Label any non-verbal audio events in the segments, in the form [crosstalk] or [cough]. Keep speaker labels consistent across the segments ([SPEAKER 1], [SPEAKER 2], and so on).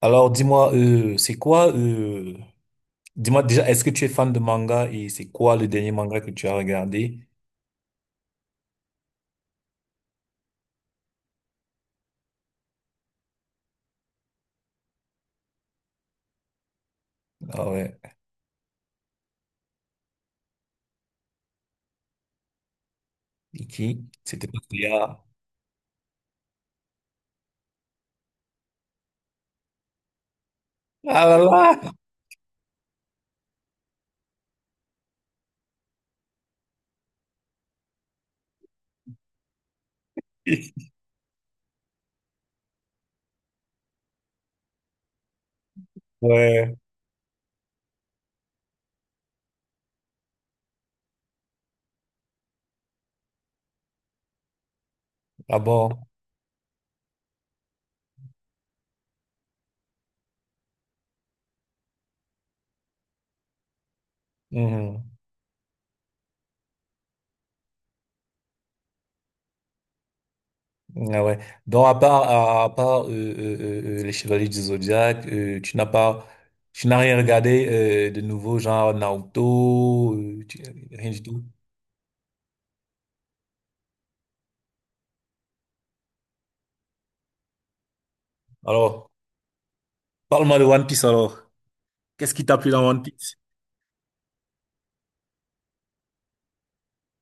[SPEAKER 1] Alors, dis-moi, c'est quoi, dis-moi déjà, est-ce que tu es fan de manga et c'est quoi le dernier manga que tu as regardé? Ah ouais, et qui? C'était pas Théa. Ah là là! [laughs] Ouais, ah bon. Mhm. Ah ouais. Donc, à part les Chevaliers du Zodiaque, tu n'as pas, tu n'as rien regardé de nouveau, genre Naruto, rien du tout. Alors, parle-moi de One Piece alors. Qu'est-ce qui t'a plu dans One Piece?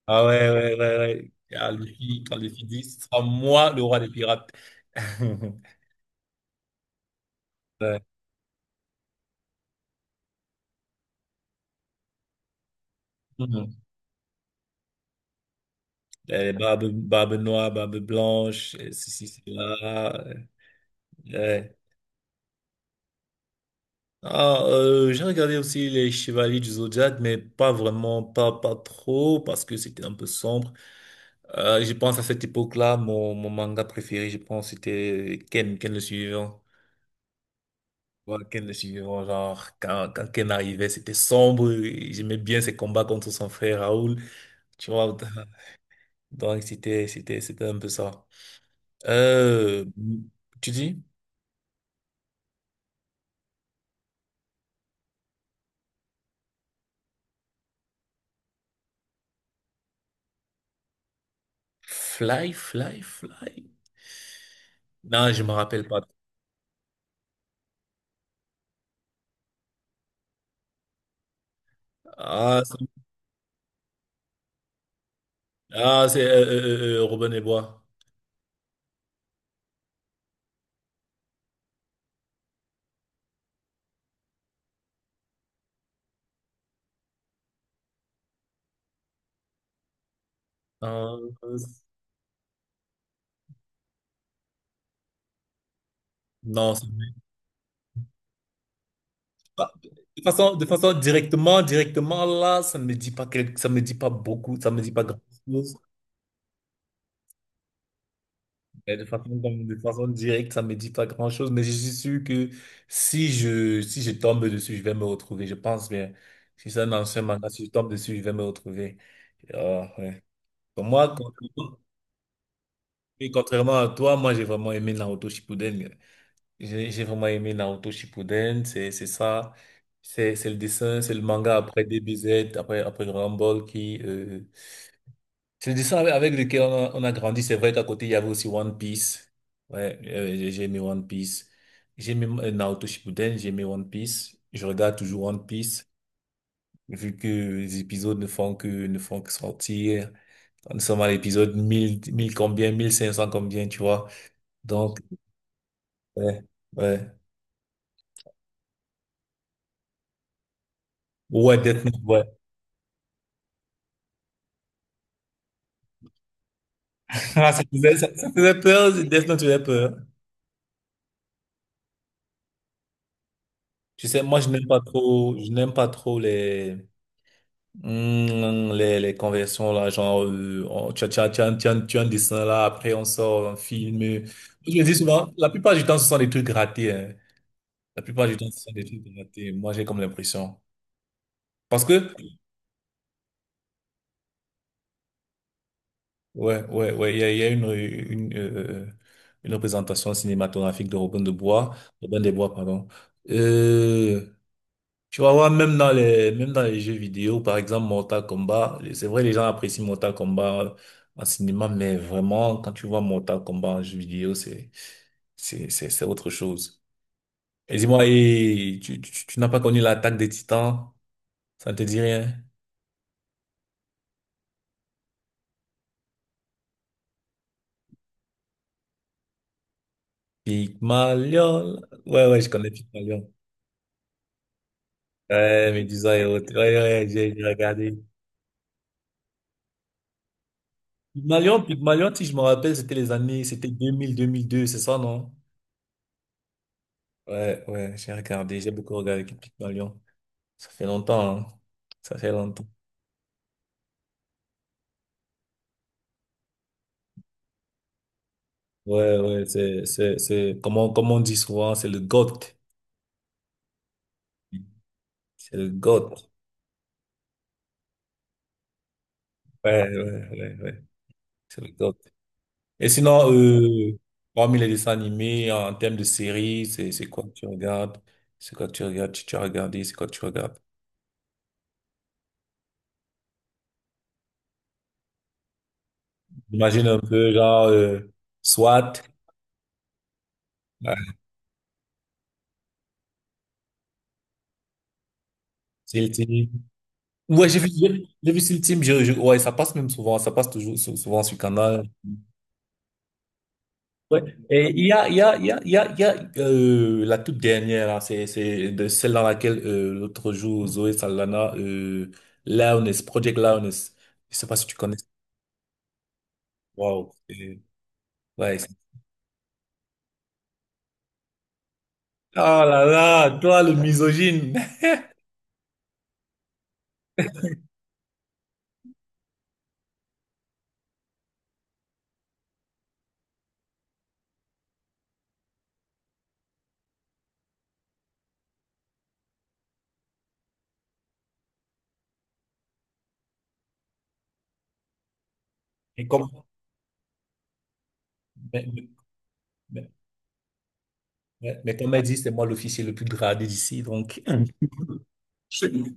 [SPEAKER 1] Ah ouais, ouais, ouais, ouais. Ah, Luffy, quand Luffy dit, ce sera moi le roi des pirates. [laughs] Ouais. Mhm. Barbe, barbe noire, barbe blanche, ceci, cela. Ouais. Ouais. Ah, j'ai regardé aussi les Chevaliers du Zodiac, mais pas vraiment, pas, pas trop, parce que c'était un peu sombre. Je pense à cette époque-là, mon manga préféré, je pense, c'était Ken, Ken le suivant. Moi, Ken le suivant, genre, quand Ken arrivait, c'était sombre, et j'aimais bien ses combats contre son frère Raoul. Tu vois, [laughs] donc c'était un peu ça. Euh, tu dis? Fly, fly, fly. Non, je me rappelle pas. Ah, c'est ah, c'est, Robin des Bois. Euh, euh, non, ça me- pas- de façon directement, directement là, ça me dit pas beaucoup, ça me dit pas grand-chose. Et de façon, de façon directe, ça me dit pas grand-chose, mais je suis sûr que si je tombe dessus, je vais me retrouver. Je pense bien. Si c'est un ancien manga, si je tombe dessus, je vais me retrouver. Ah, ouais. Pour moi, contrairement oui, contrairement à toi, moi, j'ai vraiment aimé Naruto Shippuden. J'ai vraiment aimé Naruto Shippuden. C'est ça. C'est le dessin, c'est le manga après DBZ, après Dragon Ball qui, c'est des dessins avec lesquels on a grandi. C'est vrai qu'à côté, il y avait aussi One Piece. Ouais, j'ai aimé One Piece. J'ai aimé Naruto Shippuden, j'ai aimé One Piece. Je regarde toujours One Piece, vu que les épisodes ne font que sortir. Nous sommes à l'épisode mille combien, 1500 combien, tu vois. Donc, ouais, ouais. Ouais, Death Note, ouais. [laughs] Ah, ça faisait, ça faisait peur, Death Note faisait peur. Tu sais, moi, je n'aime pas trop les, hmm, les conversions là, genre, on- tu as, tu as, tu as, tu as- tu as un dessin là, après on sort un film. Je me dis souvent, la plupart du temps, ce sont des trucs ratés, hein. La plupart du temps, ce sont des trucs ratés. Moi, j'ai comme l'impression. Parce que, ouais, ouais, ouais, il y a une une représentation cinématographique de Robin de Bois, Robin des Bois, pardon. Euh, Tu vas voir, même dans les jeux vidéo, par exemple, Mortal Kombat, c'est vrai, les gens apprécient Mortal Kombat en cinéma, mais vraiment, quand tu vois Mortal Kombat en jeu vidéo, c'est autre chose. Et dis-moi, et tu n'as pas connu l'attaque des Titans? Ça ne te dit rien? Pygmalion. Ouais, ouais, je connais Pygmalion. Ouais, Médusa et autres. Ouais, ouais, ouais, j'ai regardé. Pygmalion, Pygmalion, si je me rappelle, c'était les années, c'était deux mille deux c'est ça, non? Ouais, ouais, j'ai regardé, j'ai beaucoup regardé Pygmalion. Ça fait longtemps, hein. Ça fait longtemps. Ouais, ouais, comme on, comme on dit souvent, c'est le GOAT. C'est le GOAT. Ouais, ouais, ouais, ouais. C'est le GOAT. Et sinon, parmi les dessins animés, en termes de séries, c'est quoi que tu regardes? C'est quoi que tu regardes? Tu as regardé, c'est quoi que tu regardes? Imagine un peu, genre, SWAT, ouais, SEAL Team. Ouais, j'ai vu, j'ai vu SEAL Team, ouais, ça passe même souvent, ça passe toujours souvent sur Canal. Ouais. Et il y a, il y a, il y a, il y a, il y a la toute dernière, là, c'est de celle dans laquelle l'autre jour, Zoé Saldana, Loudness, Project Loudness, je sais pas si tu connais. Waouh. Ouais. Ah là là, toi le misogyne. [laughs] Et comme, mais, mais, mais comme elle dit, c'est moi l'officier le plus gradé d'ici, donc. [laughs]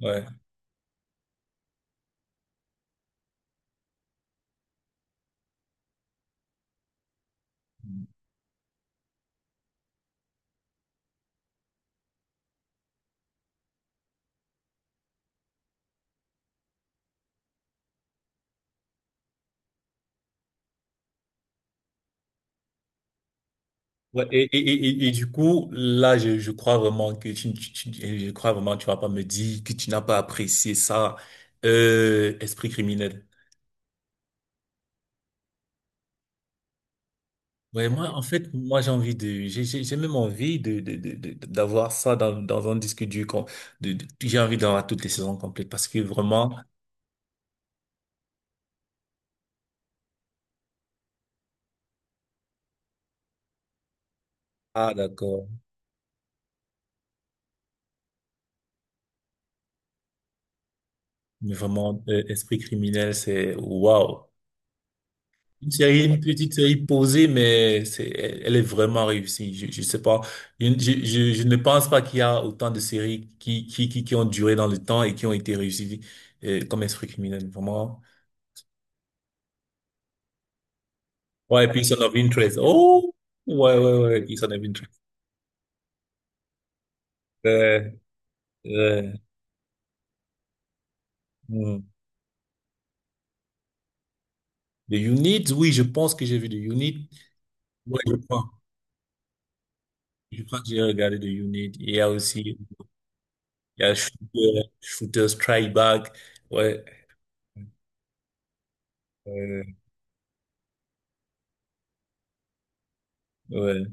[SPEAKER 1] Ouais. Ouais, et du coup, là, je crois vraiment que je crois vraiment que tu vas pas me dire que tu n'as pas apprécié ça, esprit criminel. Ouais, moi, en fait, moi, j'ai envie de, j'ai même envie de, de d'avoir ça dans, dans un disque dur, j'ai envie d'avoir toutes les saisons complètes parce que vraiment, ah, d'accord, mais vraiment, esprit criminel, c'est waouh. Une série, une petite série posée, mais c'est, elle, elle est vraiment réussie. Je sais pas. Je ne pense pas qu'il y a autant de séries qui ont duré dans le temps et qui ont été réussies, comme Esprit criminel, vraiment. Ouais, Person of Interest. Oh! Ouais, ouais, ouais, Person of Interest. Euh, euh, hmm. The Unit, oui, je pense que j'ai vu The Unit. Ouais, je crois. Je crois que j'ai regardé The Unit. Il y a aussi, il y a Shooter, Shooter Strike Back. Ouais, euh, ouais.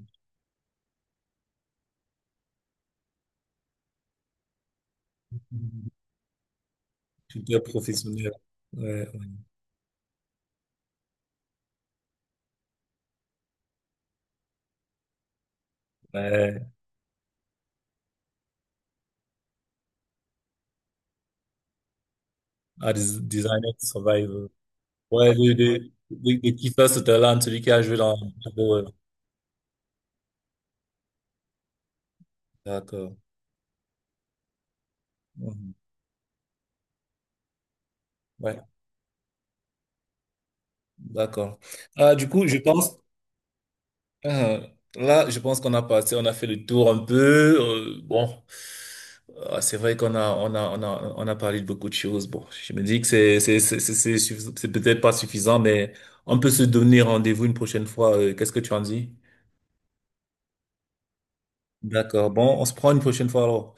[SPEAKER 1] Tuteur professionnel. Ouais, ouais. Ah, designer survivor. Ouais, le keeper Sutherland, celui qui a joué dans Bravo. D'accord. Mhm. Ouais, d'accord. Ah, du coup, je pense, ah, là, je pense qu'on a passé, on a fait le tour un peu. euh, bon, Ah, c'est vrai qu'on a, on a parlé de beaucoup de choses. Bon, je me dis que c'est c'est peut-être pas suffisant, mais on peut se donner rendez-vous une prochaine fois. Qu'est-ce que tu en dis? D'accord. Bon, on se prend une prochaine fois alors.